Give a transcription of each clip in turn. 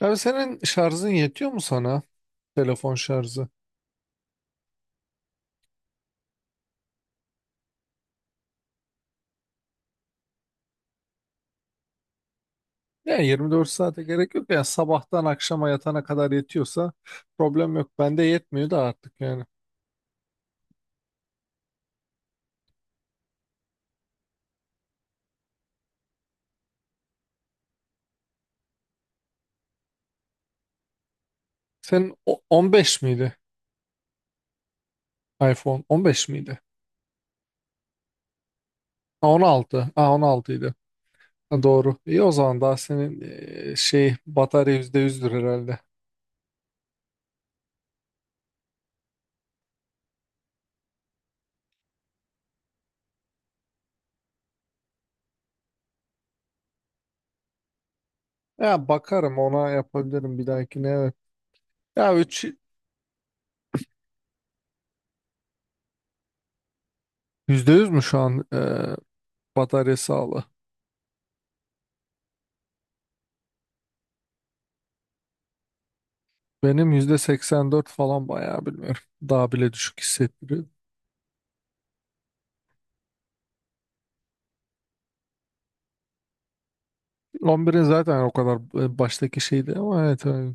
Abi, senin şarjın yetiyor mu sana? Telefon şarjı. Yani 24 saate gerek yok. Yani sabahtan akşama yatana kadar yetiyorsa problem yok. Bende yetmiyor da artık yani. Senin 15 miydi? iPhone 15 miydi? Ha, 16. Ha, 16 idi. Ha, doğru. İyi o zaman daha senin batarya %100'dür herhalde. Ya bakarım ona, yapabilirim bir dahakine, evet. Ya yüzde yüz mü şu an batarya sağlığı? Benim %84 falan, bayağı bilmiyorum. Daha bile düşük hissettiriyor. 11'in zaten o kadar baştaki şeydi ama evet. Evet.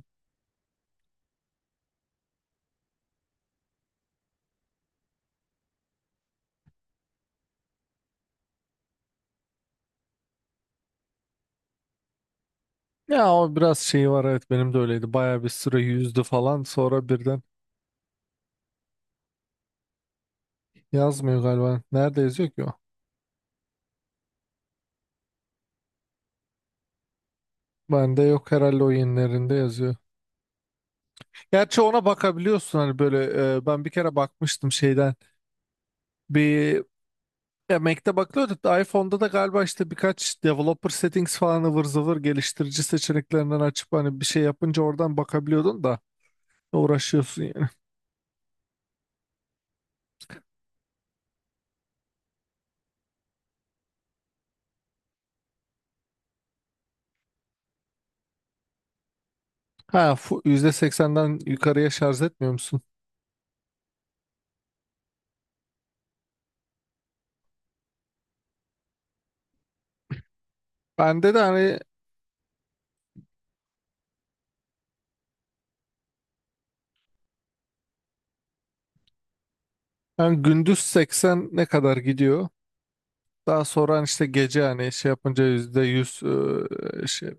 Ya o biraz şeyi var, evet, benim de öyleydi. Bayağı bir süre yüzdü falan sonra birden yazmıyor galiba. Nerede yazıyor ki o? Bende yok, herhalde o yenilerinde yazıyor. Gerçi ona bakabiliyorsun hani, böyle ben bir kere bakmıştım şeyden. Bir Ya, Mac'te bakılıyordu da iPhone'da da galiba işte birkaç developer settings falan, ıvır zıvır geliştirici seçeneklerinden açıp hani bir şey yapınca oradan bakabiliyordun da. Uğraşıyorsun yani. Ha, %80'den yukarıya şarj etmiyor musun? Bende de hani, hani gündüz 80 ne kadar gidiyor? Daha sonra hani işte gece hani şey yapınca %100 eee, şey.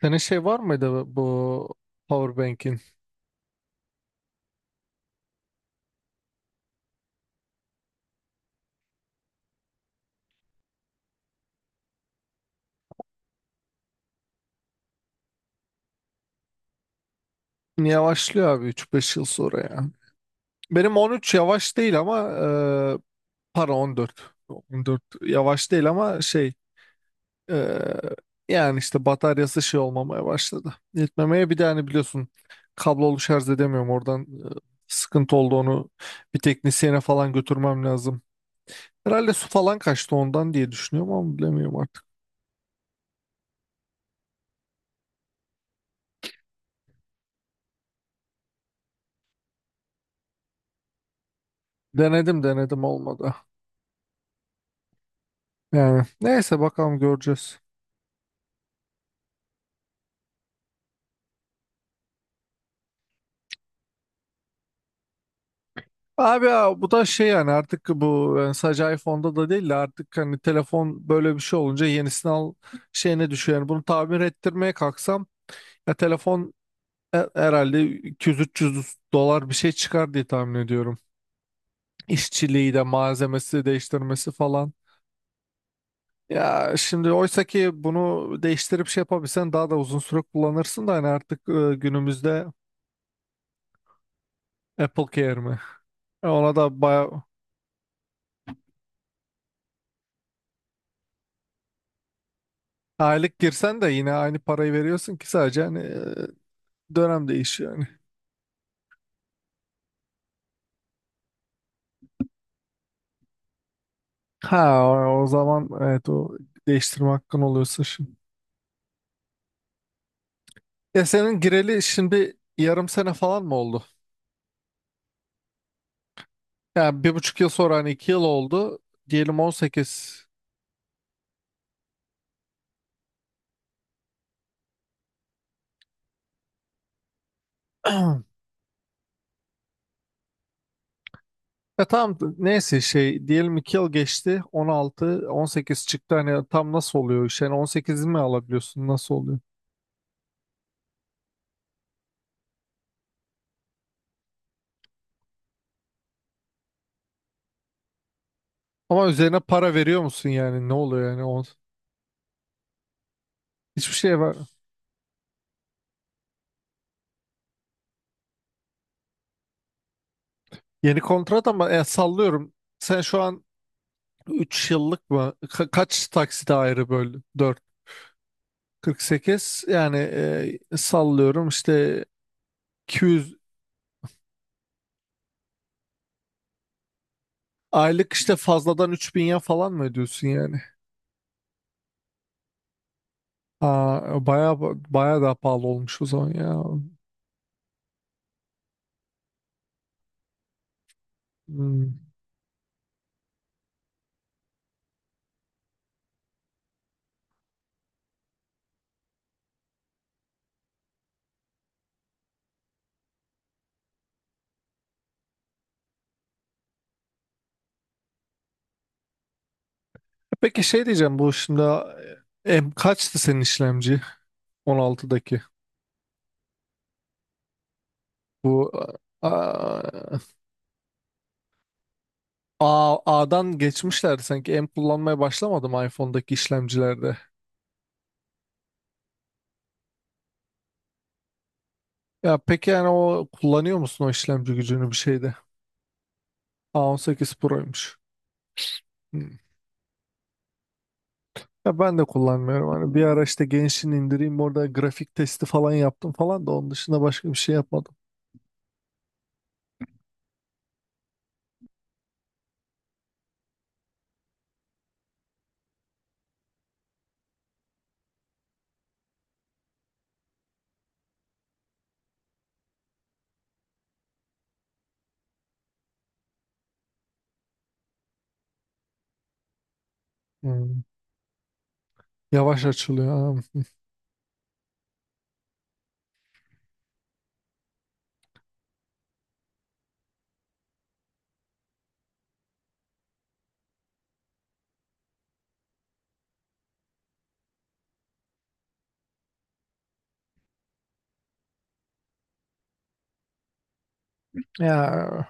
Senin şey var mıydı, bu powerbank'in? Yavaşlıyor abi, 3-5 yıl sonra ya. Benim 13 yavaş değil ama para 14. 14 yavaş değil ama şey. Ee, Yani işte bataryası şey olmamaya başladı. Yetmemeye, bir de hani biliyorsun, kablolu şarj edemiyorum oradan sıkıntı oldu, onu bir teknisyene falan götürmem lazım. Herhalde su falan kaçtı ondan, diye düşünüyorum ama bilemiyorum artık. Denedim denedim, olmadı. Yani neyse, bakalım, göreceğiz. Abi ya, bu da şey yani, artık bu yani sadece iPhone'da da değil de artık hani telefon böyle bir şey olunca yenisini al şeyine düşüyor. Yani bunu tamir ettirmeye kalksam ya telefon... Herhalde 200-300 dolar bir şey çıkar diye tahmin ediyorum. İşçiliği de malzemesi değiştirmesi falan. Ya şimdi, oysa ki bunu değiştirip şey yapabilsen daha da uzun süre kullanırsın da hani artık günümüzde... Apple Care mi? Ona da bayağı... Aylık girsen de yine aynı parayı veriyorsun ki, sadece hani dönem değişiyor yani. Ha, o zaman evet, o değiştirme hakkın oluyorsun şimdi. Ya senin gireli şimdi yarım sene falan mı oldu? Yani 1,5 yıl sonra hani 2 yıl oldu. Diyelim 18. Ya tamam, neyse şey diyelim 2 yıl geçti. 16, 18 çıktı. Hani tam nasıl oluyor iş? Yani 18 mi alabiliyorsun? Nasıl oluyor? Ama üzerine para veriyor musun yani? Ne oluyor yani? On... Hiçbir şey var. Yeni kontrat ama sallıyorum. Sen şu an 3 yıllık mı? Kaç taksite ayrı böldün? 4. 48 yani sallıyorum işte, 200 aylık işte fazladan 3 bin ya falan mı ödüyorsun yani? Aa, baya baya daha pahalı olmuş o zaman ya. Hmm. Peki şey diyeceğim, bu şimdi M kaçtı senin işlemci 16'daki? Bu a, A'dan geçmişlerdi sanki. M kullanmaya başlamadım iPhone'daki işlemcilerde. Ya peki yani, o kullanıyor musun o işlemci gücünü bir şeyde? A18 Pro'ymuş. Hmm. Ya ben de kullanmıyorum. Hani bir ara işte Genshin indireyim, orada grafik testi falan yaptım falan da, onun dışında başka bir şey yapmadım. Hmm. Yavaş açılıyor. Ha. Ya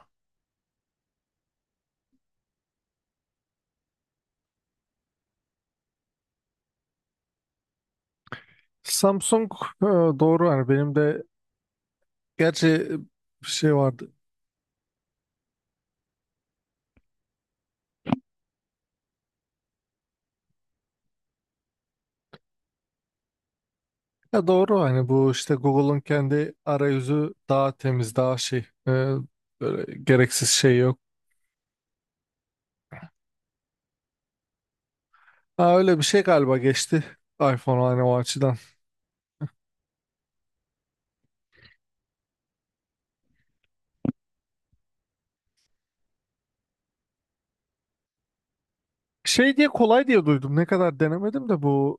Samsung e, doğru, yani benim de gerçi bir şey vardı. Ya doğru, hani bu işte Google'un kendi arayüzü daha temiz, daha şey böyle gereksiz şey yok. Ha, öyle bir şey galiba geçti iPhone, hani o açıdan. Şey diye, kolay diye duydum. Ne kadar denemedim de bu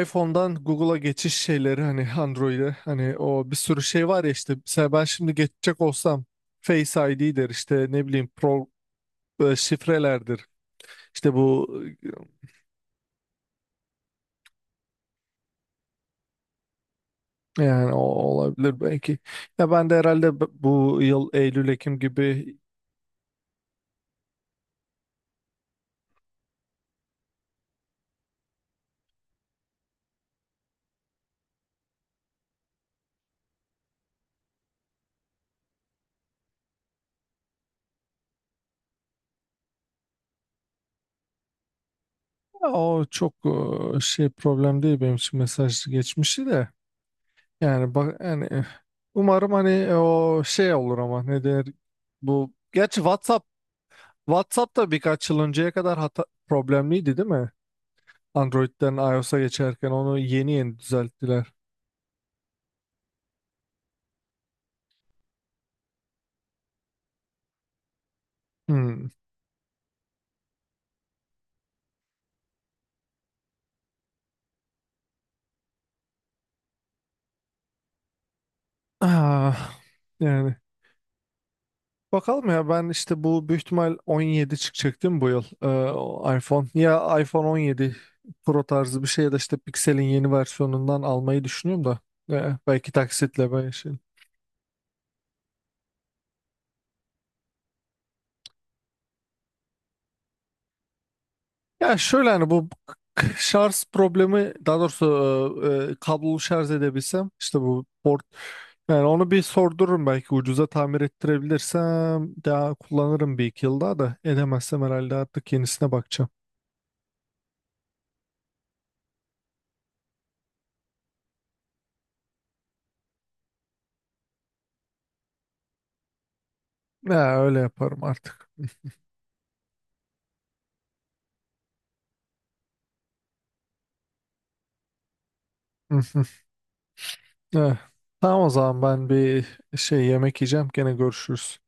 iPhone'dan Google'a geçiş şeyleri hani Android'e, hani o bir sürü şey var ya, işte mesela ben şimdi geçecek olsam Face ID der, işte ne bileyim pro, şifrelerdir. İşte bu yani, o olabilir belki. Ya ben de herhalde bu yıl Eylül Ekim gibi... Ya o çok problem değil benim için, mesaj geçmişi de. Yani bak yani, umarım hani o şey olur ama ne der bu, gerçi WhatsApp... WhatsApp da birkaç yıl önceye kadar hata, problemliydi değil mi? Android'den iOS'a geçerken onu yeni yeni düzelttiler. Hmm. Ah, yani. Bakalım ya, ben işte bu büyük ihtimal 17 çıkacak değil mi bu yıl? O iPhone ya, iPhone 17 Pro tarzı bir şey ya da işte Pixel'in yeni versiyonundan almayı düşünüyorum da... Belki taksitle ben şey. Ya şöyle, hani bu şarj problemi, daha doğrusu kablolu şarj edebilsem işte bu port, yani onu bir sordururum, belki ucuza tamir ettirebilirsem daha kullanırım bir iki yıl daha, da edemezsem herhalde artık yenisine bakacağım. Ya öyle yaparım artık. Eh, Tamam o zaman, ben bir şey yemek yiyeceğim. Gene görüşürüz.